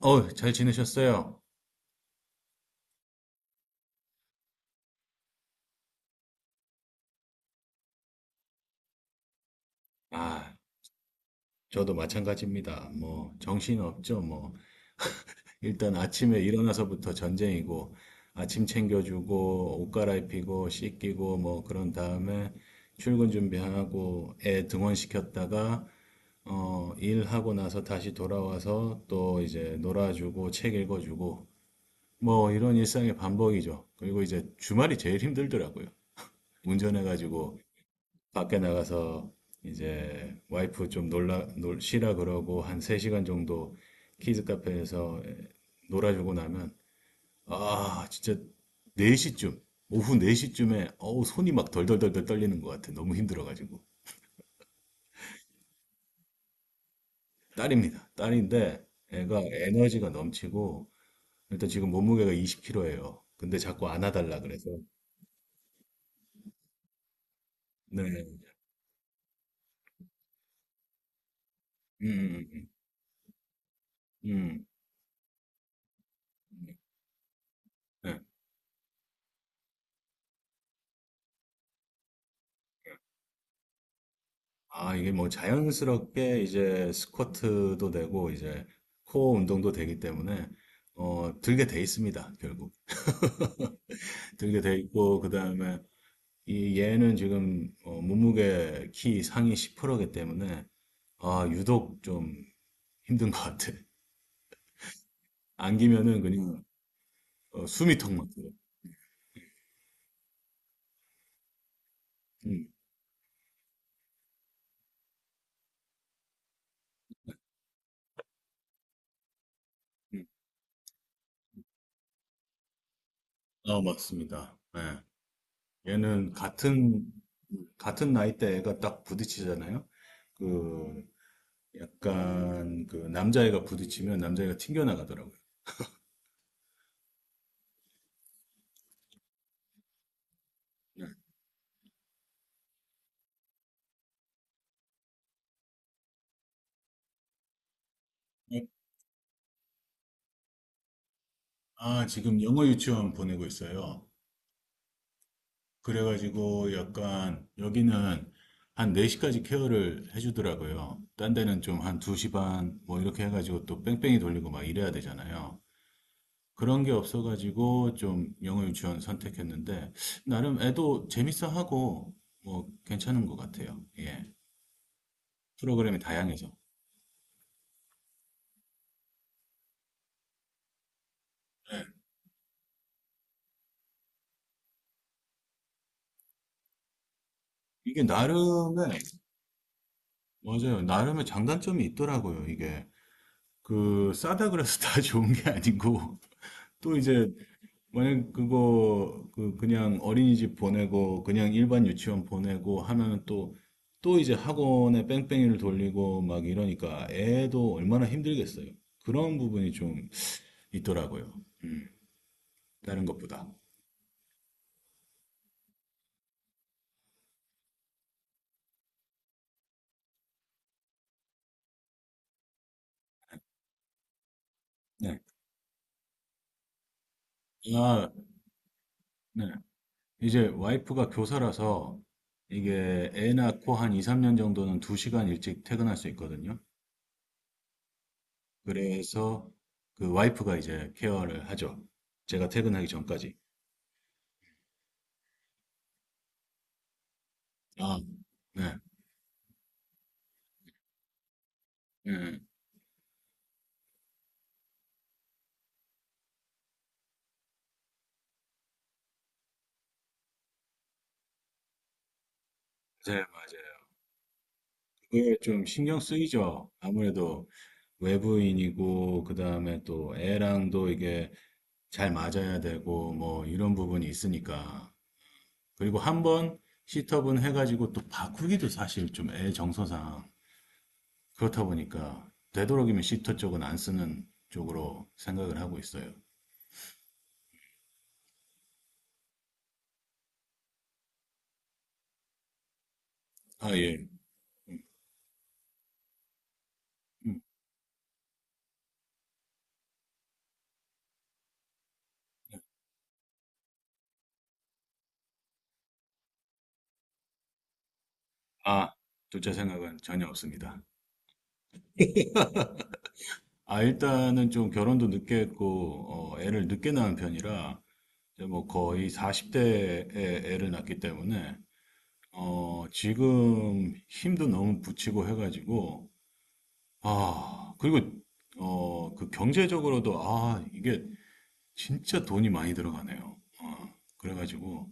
잘 지내셨어요? 아, 저도 마찬가지입니다. 뭐, 정신 없죠, 뭐. 일단 아침에 일어나서부터 전쟁이고, 아침 챙겨주고, 옷 갈아입히고, 씻기고, 뭐, 그런 다음에 출근 준비하고, 애 등원시켰다가, 일하고 나서 다시 돌아와서 또 이제 놀아주고, 책 읽어주고, 뭐, 이런 일상의 반복이죠. 그리고 이제 주말이 제일 힘들더라고요. 운전해가지고 밖에 나가서 이제 와이프 좀 쉬라 그러고 한 3시간 정도 키즈 카페에서 놀아주고 나면 아, 진짜 4시쯤, 오후 4시쯤에 어우, 손이 막 덜덜덜덜 떨리는 것 같아. 너무 힘들어가지고. 딸입니다. 딸인데 애가 에너지가 넘치고 일단 지금 몸무게가 20kg예요. 근데 자꾸 안아달라 그래서 네. 음, 음, 음, 음. 네. 아, 이게 뭐 자연스럽게 이제 스쿼트도 되고 이제 코어 운동도 되기 때문에 들게 돼 있습니다, 결국. 들게 돼 있고 그다음에 이 얘는 지금 몸무게 키 상위 10%이기 때문에 아, 유독 좀 힘든 것 같아. 안기면은 그냥 숨이 턱 막혀요. 음, 음. 아, 맞습니다. 예. 얘는 같은 나이대 애가 딱 부딪히잖아요. 그 약간 그 남자애가 부딪히면 남자애가 튕겨나가더라고요. 네. 아, 지금 영어 유치원 보내고 있어요. 그래가지고 약간 여기는 한 4시까지 케어를 해주더라고요. 딴 데는 좀 한 2시 반 뭐 이렇게 해가지고 또 뺑뺑이 돌리고 막 이래야 되잖아요. 그런 게 없어가지고 좀 영어 유치원 선택했는데 나름 애도 재밌어 하고 뭐 괜찮은 것 같아요. 예. 프로그램이 다양해서. 이게 나름의, 맞아요. 나름의 장단점이 있더라고요. 이게 그 싸다 그래서 다 좋은 게 아니고 또 이제 만약 그거 그 그냥 어린이집 보내고 그냥 일반 유치원 보내고 하면은 또 이제 학원에 뺑뺑이를 돌리고 막 이러니까 애도 얼마나 힘들겠어요. 그런 부분이 좀 있더라고요. 다른 것보다. 네. 아, 네. 이제 와이프가 교사라서 이게 애 낳고 한 2, 3년 정도는 2시간 일찍 퇴근할 수 있거든요. 그래서 그 와이프가 이제 케어를 하죠. 제가 퇴근하기 전까지. 아, 네. 네. 맞아요, 맞아요. 그게 좀 신경 쓰이죠. 아무래도 외부인이고, 그 다음에 또 애랑도 이게 잘 맞아야 되고, 뭐 이런 부분이 있으니까. 그리고 한 번 시터분 해가지고 또 바꾸기도 사실 좀 애 정서상 그렇다 보니까 되도록이면 시터 쪽은 안 쓰는 쪽으로 생각을 하고 있어요. 아, 예. 아, 둘째 생각은 전혀 없습니다. 아, 일단은 좀 결혼도 늦게 했고, 애를 늦게 낳은 편이라, 이제 뭐 거의 40대에 애를 낳기 때문에, 지금 힘도 너무 붙이고 해가지고, 아, 그리고, 그 경제적으로도, 아, 이게 진짜 돈이 많이 들어가네요. 그래가지고,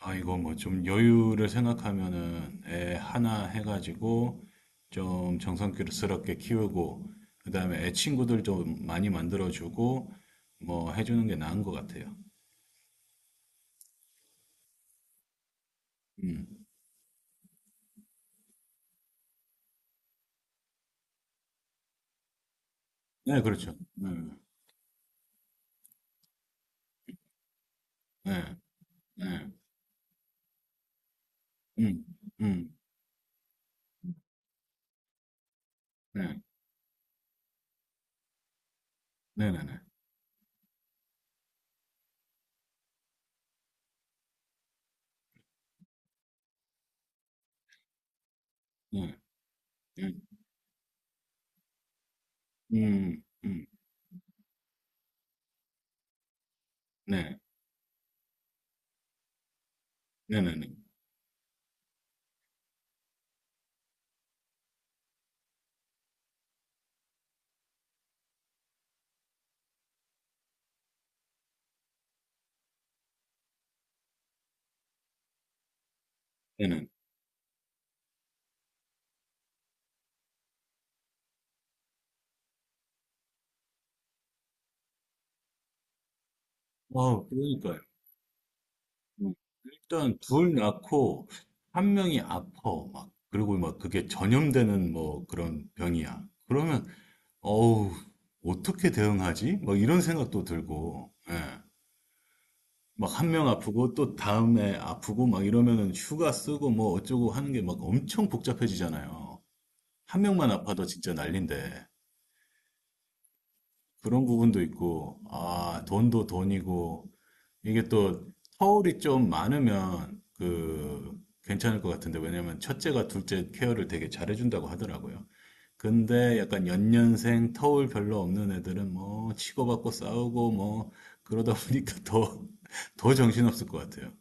아, 이거 뭐 좀 여유를 생각하면은 애 하나 해가지고 좀 정성스럽게 키우고 그다음에 애 친구들 좀 많이 만들어주고 뭐 해주는 게 나은 것 같아요. 음. 네, 그렇죠. 네, 네, 네, 음, 음, 네, 네, 네, 네, 네, 네, 음, 음, 네, 네, 네, 네, 네, 네. 그러니까요. 일단 둘 낳고 한 명이 아파 막 그리고 막 그게 전염되는 뭐 그런 병이야. 그러면 어우 어떻게 대응하지? 막 이런 생각도 들고 예. 막한 명 아프고 또 다음에 아프고 막 이러면은 휴가 쓰고 뭐 어쩌고 하는 게 막 엄청 복잡해지잖아요. 한 명만 아파도 진짜 난린데 그런 부분도 있고 아 돈도 돈이고 이게 또 터울이 좀 많으면 그 괜찮을 것 같은데 왜냐면 첫째가 둘째 케어를 되게 잘해준다고 하더라고요. 근데 약간 연년생 터울 별로 없는 애들은 뭐 치고받고 싸우고 뭐 그러다 보니까 더, 더 정신없을 것 같아요.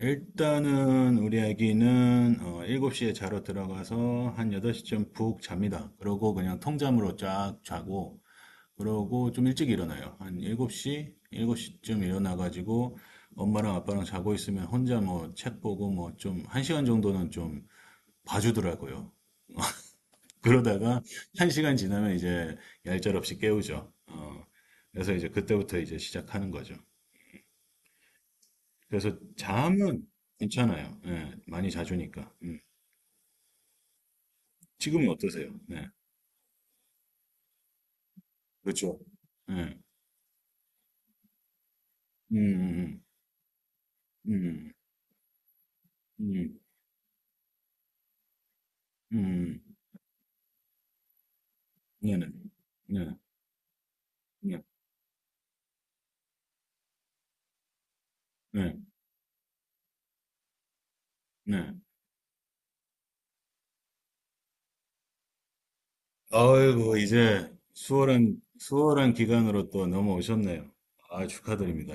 일단은 우리 아기는 7시에 자러 들어가서 한 8시쯤 푹 잡니다. 그러고 그냥 통잠으로 쫙 자고 그러고 좀 일찍 일어나요. 한 7시, 7시쯤 일어나가지고 엄마랑 아빠랑 자고 있으면 혼자 뭐 책 보고 뭐 좀 1시간 정도는 좀 봐주더라고요. 그러다가 1시간 지나면 이제 얄짤없이 깨우죠. 그래서 이제 그때부터 이제 시작하는 거죠. 그래서 잠은 괜찮아요. 예, 많이 자주니까. 음. 지금은 어떠세요? 네. 그렇죠. 예. 음, 음, 음, 음, 음, 네, 네, 네, 네, 네. 네. 아이고, 이제 수월한 기간으로 또 넘어오셨네요. 아, 축하드립니다.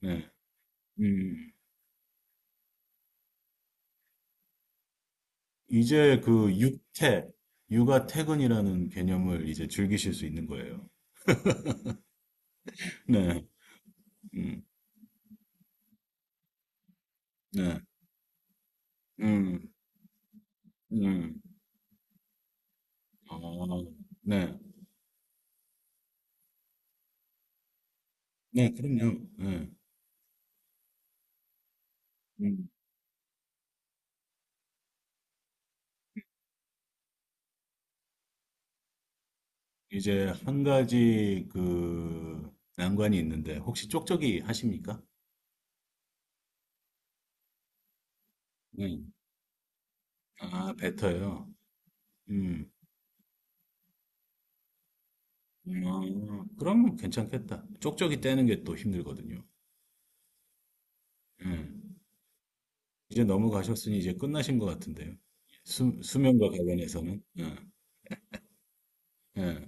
네. 음, 이제 그 육퇴, 육아 퇴근이라는 개념을 이제 즐기실 수 있는 거예요. 네. 음, 네. 음, 음. 아, 네. 네, 그럼요. 네. 음. 이제 한 가지 그 난관이 있는데, 혹시 쪽쪽이 하십니까? 네. 아, 뱉어요. 그러면 괜찮겠다. 쪽쪽이 떼는 게 또 힘들거든요. 예. 이제 넘어가셨으니 이제 끝나신 것 같은데요. 수면과 관련해서는. 예, 예.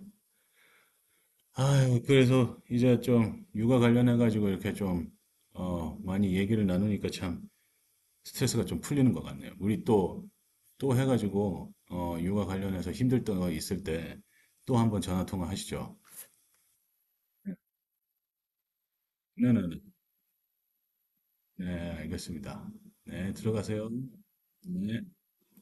아유, 그래서 이제 좀 육아 관련해가지고 이렇게 좀, 많이 얘기를 나누니까 참 스트레스가 좀 풀리는 것 같네요. 우리 또 해가지고, 육아 관련해서 힘들 때가 있을 때 또 한번 전화 통화 하시죠. 네네네. 네, 알겠습니다. 네, 들어가세요. 네.